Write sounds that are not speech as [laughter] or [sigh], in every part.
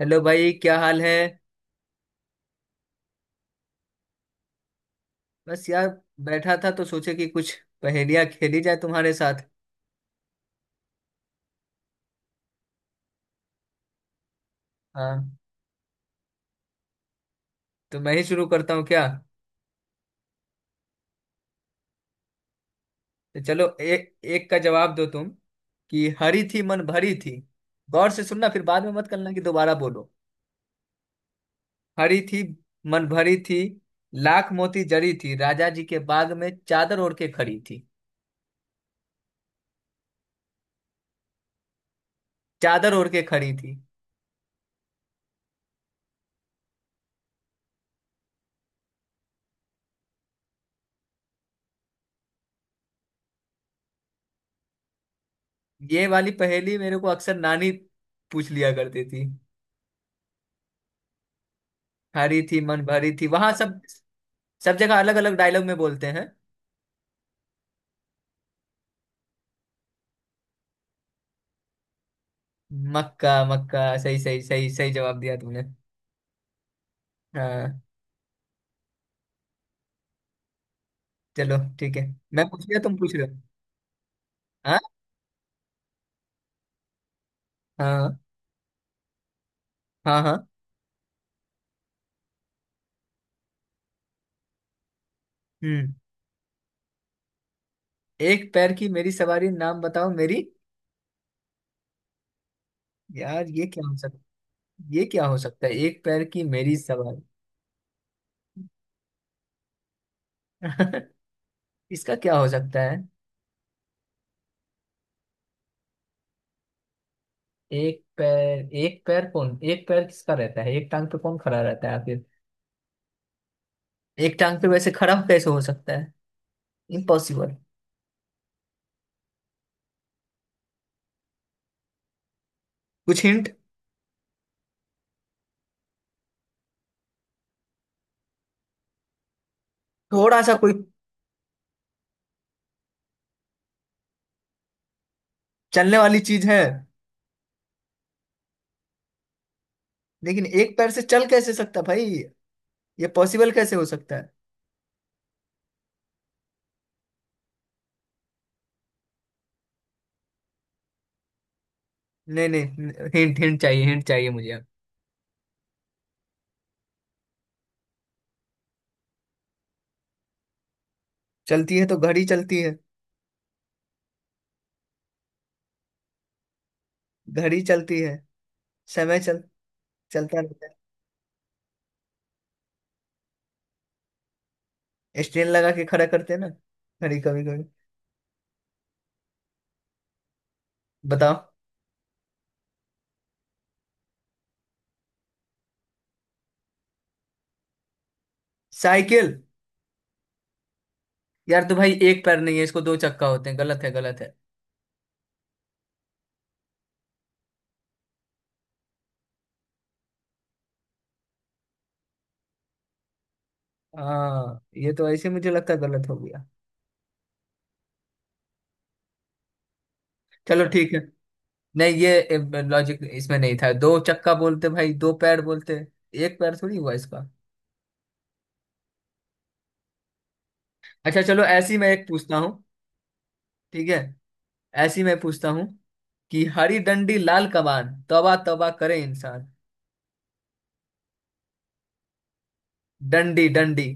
Hello भाई, क्या हाल है। बस यार, बैठा था तो सोचे कि कुछ पहेलियां खेली जाए तुम्हारे साथ। हाँ, तो मैं ही शुरू करता हूँ क्या। तो चलो, एक एक का जवाब दो तुम। कि हरी थी मन भरी थी, गौर से सुनना, फिर बाद में मत करना कि दोबारा बोलो। हरी थी मन भरी थी, लाख मोती जड़ी थी, राजा जी के बाग में चादर ओढ़ के खड़ी थी। चादर ओढ़ के खड़ी थी। ये वाली पहेली मेरे को अक्सर नानी पूछ लिया करती थी। हरी थी मन भरी थी, वहां सब सब जगह अलग अलग डायलॉग में बोलते हैं। मक्का मक्का, सही सही, सही सही जवाब दिया तुमने। हाँ, चलो ठीक है। मैं पूछ लिया, तुम पूछ रहे हो। हाँ हाँ। हाँ हाँ। हम्म। एक पैर की मेरी सवारी, नाम बताओ मेरी। यार, ये क्या हो सकता। ये क्या हो सकता है, एक पैर की मेरी सवारी। [laughs] इसका क्या हो सकता है। एक पैर, एक पैर कौन, एक पैर किसका रहता है, एक टांग पे कौन खड़ा रहता है आखिर। एक टांग पे वैसे खड़ा कैसे हो सकता है। इम्पॉसिबल। कुछ हिंट। थोड़ा सा कोई। चलने वाली चीज है। लेकिन एक पैर से चल कैसे सकता भाई। ये पॉसिबल कैसे हो सकता है। नहीं नहीं, हिंट, हिंट चाहिए, हिंट चाहिए मुझे अब। चलती है तो घड़ी चलती है। घड़ी चलती है, समय चल, चलता रहता है। स्टेन लगा के खड़ा करते हैं ना घड़ी, कभी कभी। बताओ। साइकिल। यार, तो भाई एक पैर नहीं है इसको, दो चक्का होते हैं, गलत है गलत है। हाँ, ये तो ऐसे मुझे लगता है गलत हो गया। चलो ठीक है। नहीं, ये लॉजिक इसमें नहीं था, दो चक्का बोलते भाई, दो पैर बोलते। एक पैर थोड़ी हुआ इसका। अच्छा चलो, ऐसी मैं एक पूछता हूँ। ठीक है, ऐसी मैं पूछता हूँ, कि हरी डंडी लाल कमान, तौबा तौबा करे इंसान। डंडी डंडी।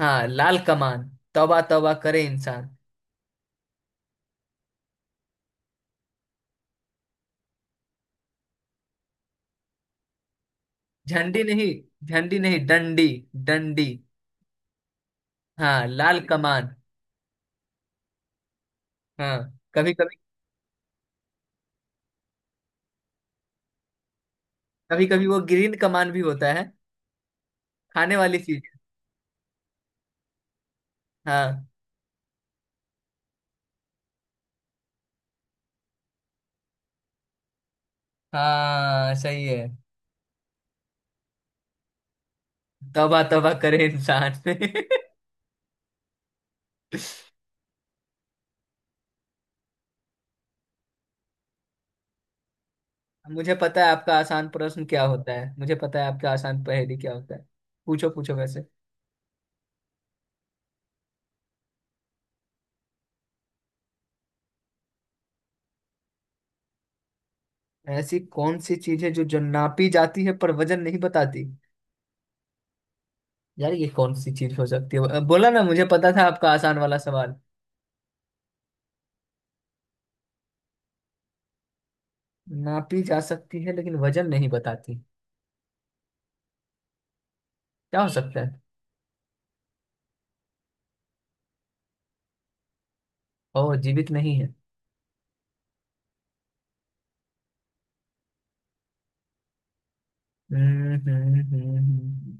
हाँ, लाल कमान, तौबा तौबा करे इंसान। झंडी नहीं, झंडी नहीं, डंडी, डंडी। हाँ, लाल कमान। हाँ। कभी कभी, कभी कभी वो ग्रीन कमान भी होता है। खाने वाली चीज। हाँ। हाँ, सही है। तौबा तौबा करे इंसान। [laughs] मुझे पता है आपका आसान प्रश्न क्या होता है, मुझे पता है आपका आसान पहेली क्या होता है। पूछो पूछो वैसे। ऐसी कौन सी चीज है जो जो नापी जाती है पर वजन नहीं बताती। यार, ये कौन सी चीज हो सकती है। बोला ना, मुझे पता था आपका आसान वाला सवाल। नापी जा सकती है लेकिन वजन नहीं बताती। क्या हो सकता है। ओ, जीवित नहीं है। हम्म।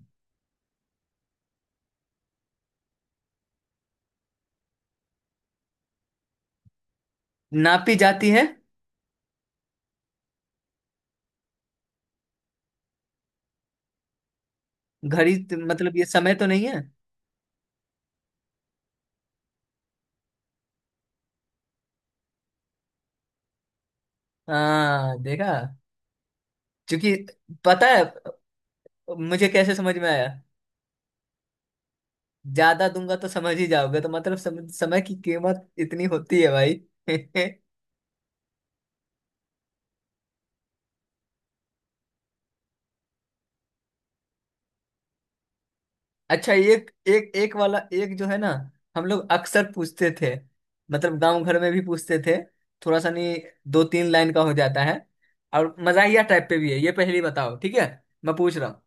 नापी जाती है। घड़ी, मतलब ये समय तो नहीं है। हाँ, देखा क्योंकि पता है मुझे कैसे समझ में आया। ज्यादा दूंगा तो समझ ही जाओगे, तो मतलब समय की कीमत इतनी होती है भाई। [laughs] अच्छा, एक एक एक वाला एक जो है ना, हम लोग अक्सर पूछते थे, मतलब गांव घर में भी पूछते थे। थोड़ा सा नहीं, दो तीन लाइन का हो जाता है, और मजाहिया टाइप पे भी है, ये पहली बताओ ठीक है। मैं पूछ रहा हूँ।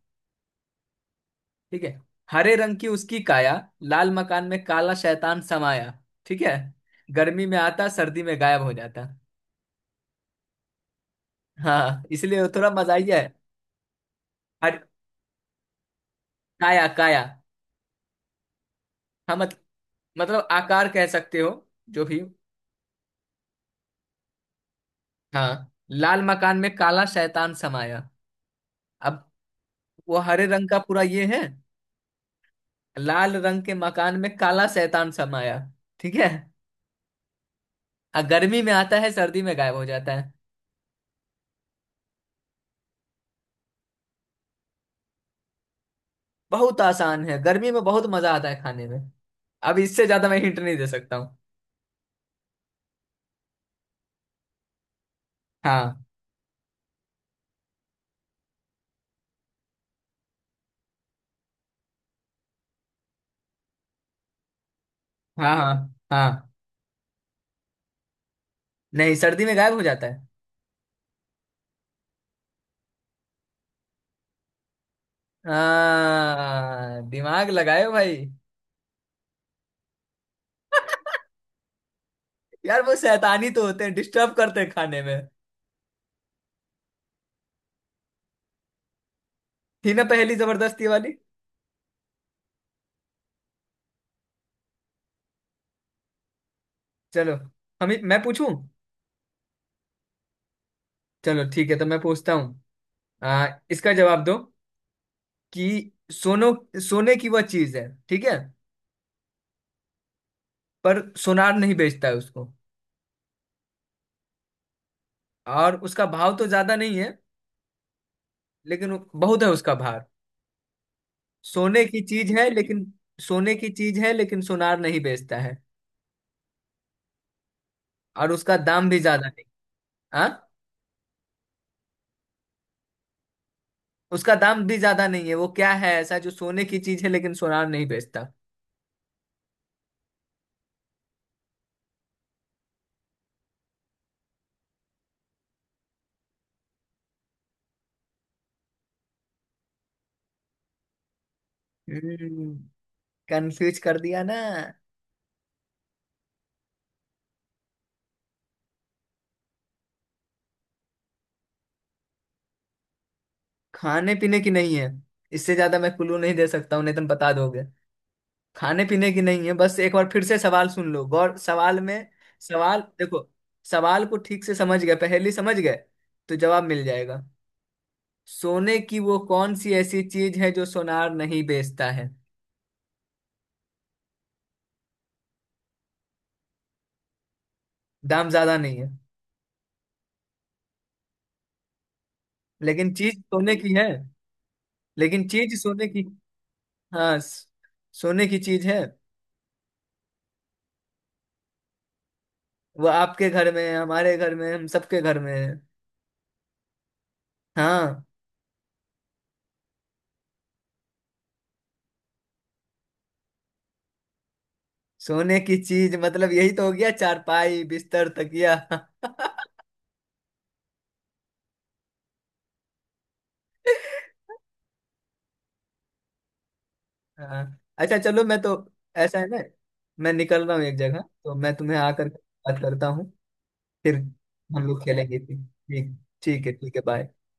ठीक है। हरे रंग की उसकी काया, लाल मकान में काला शैतान समाया। ठीक है। गर्मी में आता, सर्दी में गायब हो जाता। हाँ, इसलिए वो थोड़ा मजाहिया है। हर काया, काया। हाँ, मत, मतलब आकार कह सकते हो, जो भी। हाँ, लाल मकान में काला शैतान समाया। अब वो हरे रंग का पूरा ये है। लाल रंग के मकान में काला शैतान समाया। ठीक है। और गर्मी में आता है, सर्दी में गायब हो जाता है। बहुत आसान है, गर्मी में बहुत मजा आता है खाने में। अब इससे ज्यादा मैं हिंट नहीं दे सकता हूँ। हाँ हाँ। हाँ। हाँ, नहीं, सर्दी में गायब हो जाता है। हाँ, दिमाग लगाए हो भाई। [laughs] यार, वो शैतानी तो होते हैं, डिस्टर्ब करते हैं खाने में। थी ना पहली जबरदस्ती वाली। चलो। हम मैं पूछूं। चलो ठीक है तो मैं पूछता हूँ। इसका जवाब दो। कि सोनो, सोने की वह चीज है, ठीक है। पर सोनार नहीं बेचता है उसको, और उसका भाव तो ज्यादा नहीं है, लेकिन बहुत है उसका भार। सोने की चीज है लेकिन। सोने की चीज है लेकिन सोनार नहीं बेचता है, और उसका दाम भी ज्यादा नहीं। हाँ। उसका दाम भी ज्यादा नहीं है। वो क्या है ऐसा जो सोने की चीज है लेकिन सोनार नहीं बेचता। हम्म। कंफ्यूज कर दिया ना। खाने पीने की नहीं है। इससे ज्यादा मैं क्लू नहीं दे सकता हूँ, नहीं तो तुम बता दोगे। खाने पीने की नहीं है, बस एक बार फिर से सवाल सुन लो, गौर सवाल में। सवाल देखो। सवाल को ठीक से समझ गए, पहेली समझ गए तो जवाब मिल जाएगा। सोने की वो कौन सी ऐसी चीज है जो सोनार नहीं बेचता है। दाम ज्यादा नहीं है, लेकिन चीज सोने की है। लेकिन चीज सोने की। हाँ, सोने की चीज है। वो आपके घर में है, हमारे घर में है, हम सबके घर में है। हाँ, सोने की चीज, मतलब यही तो हो गया, चारपाई, बिस्तर, तकिया। [laughs] हाँ। अच्छा चलो, मैं तो ऐसा है ना, मैं निकल रहा हूँ एक जगह, तो मैं तुम्हें आकर बात करता हूँ फिर, हम लोग खेलेंगे फिर। ठीक, ठीक है, ठीक है, बाय।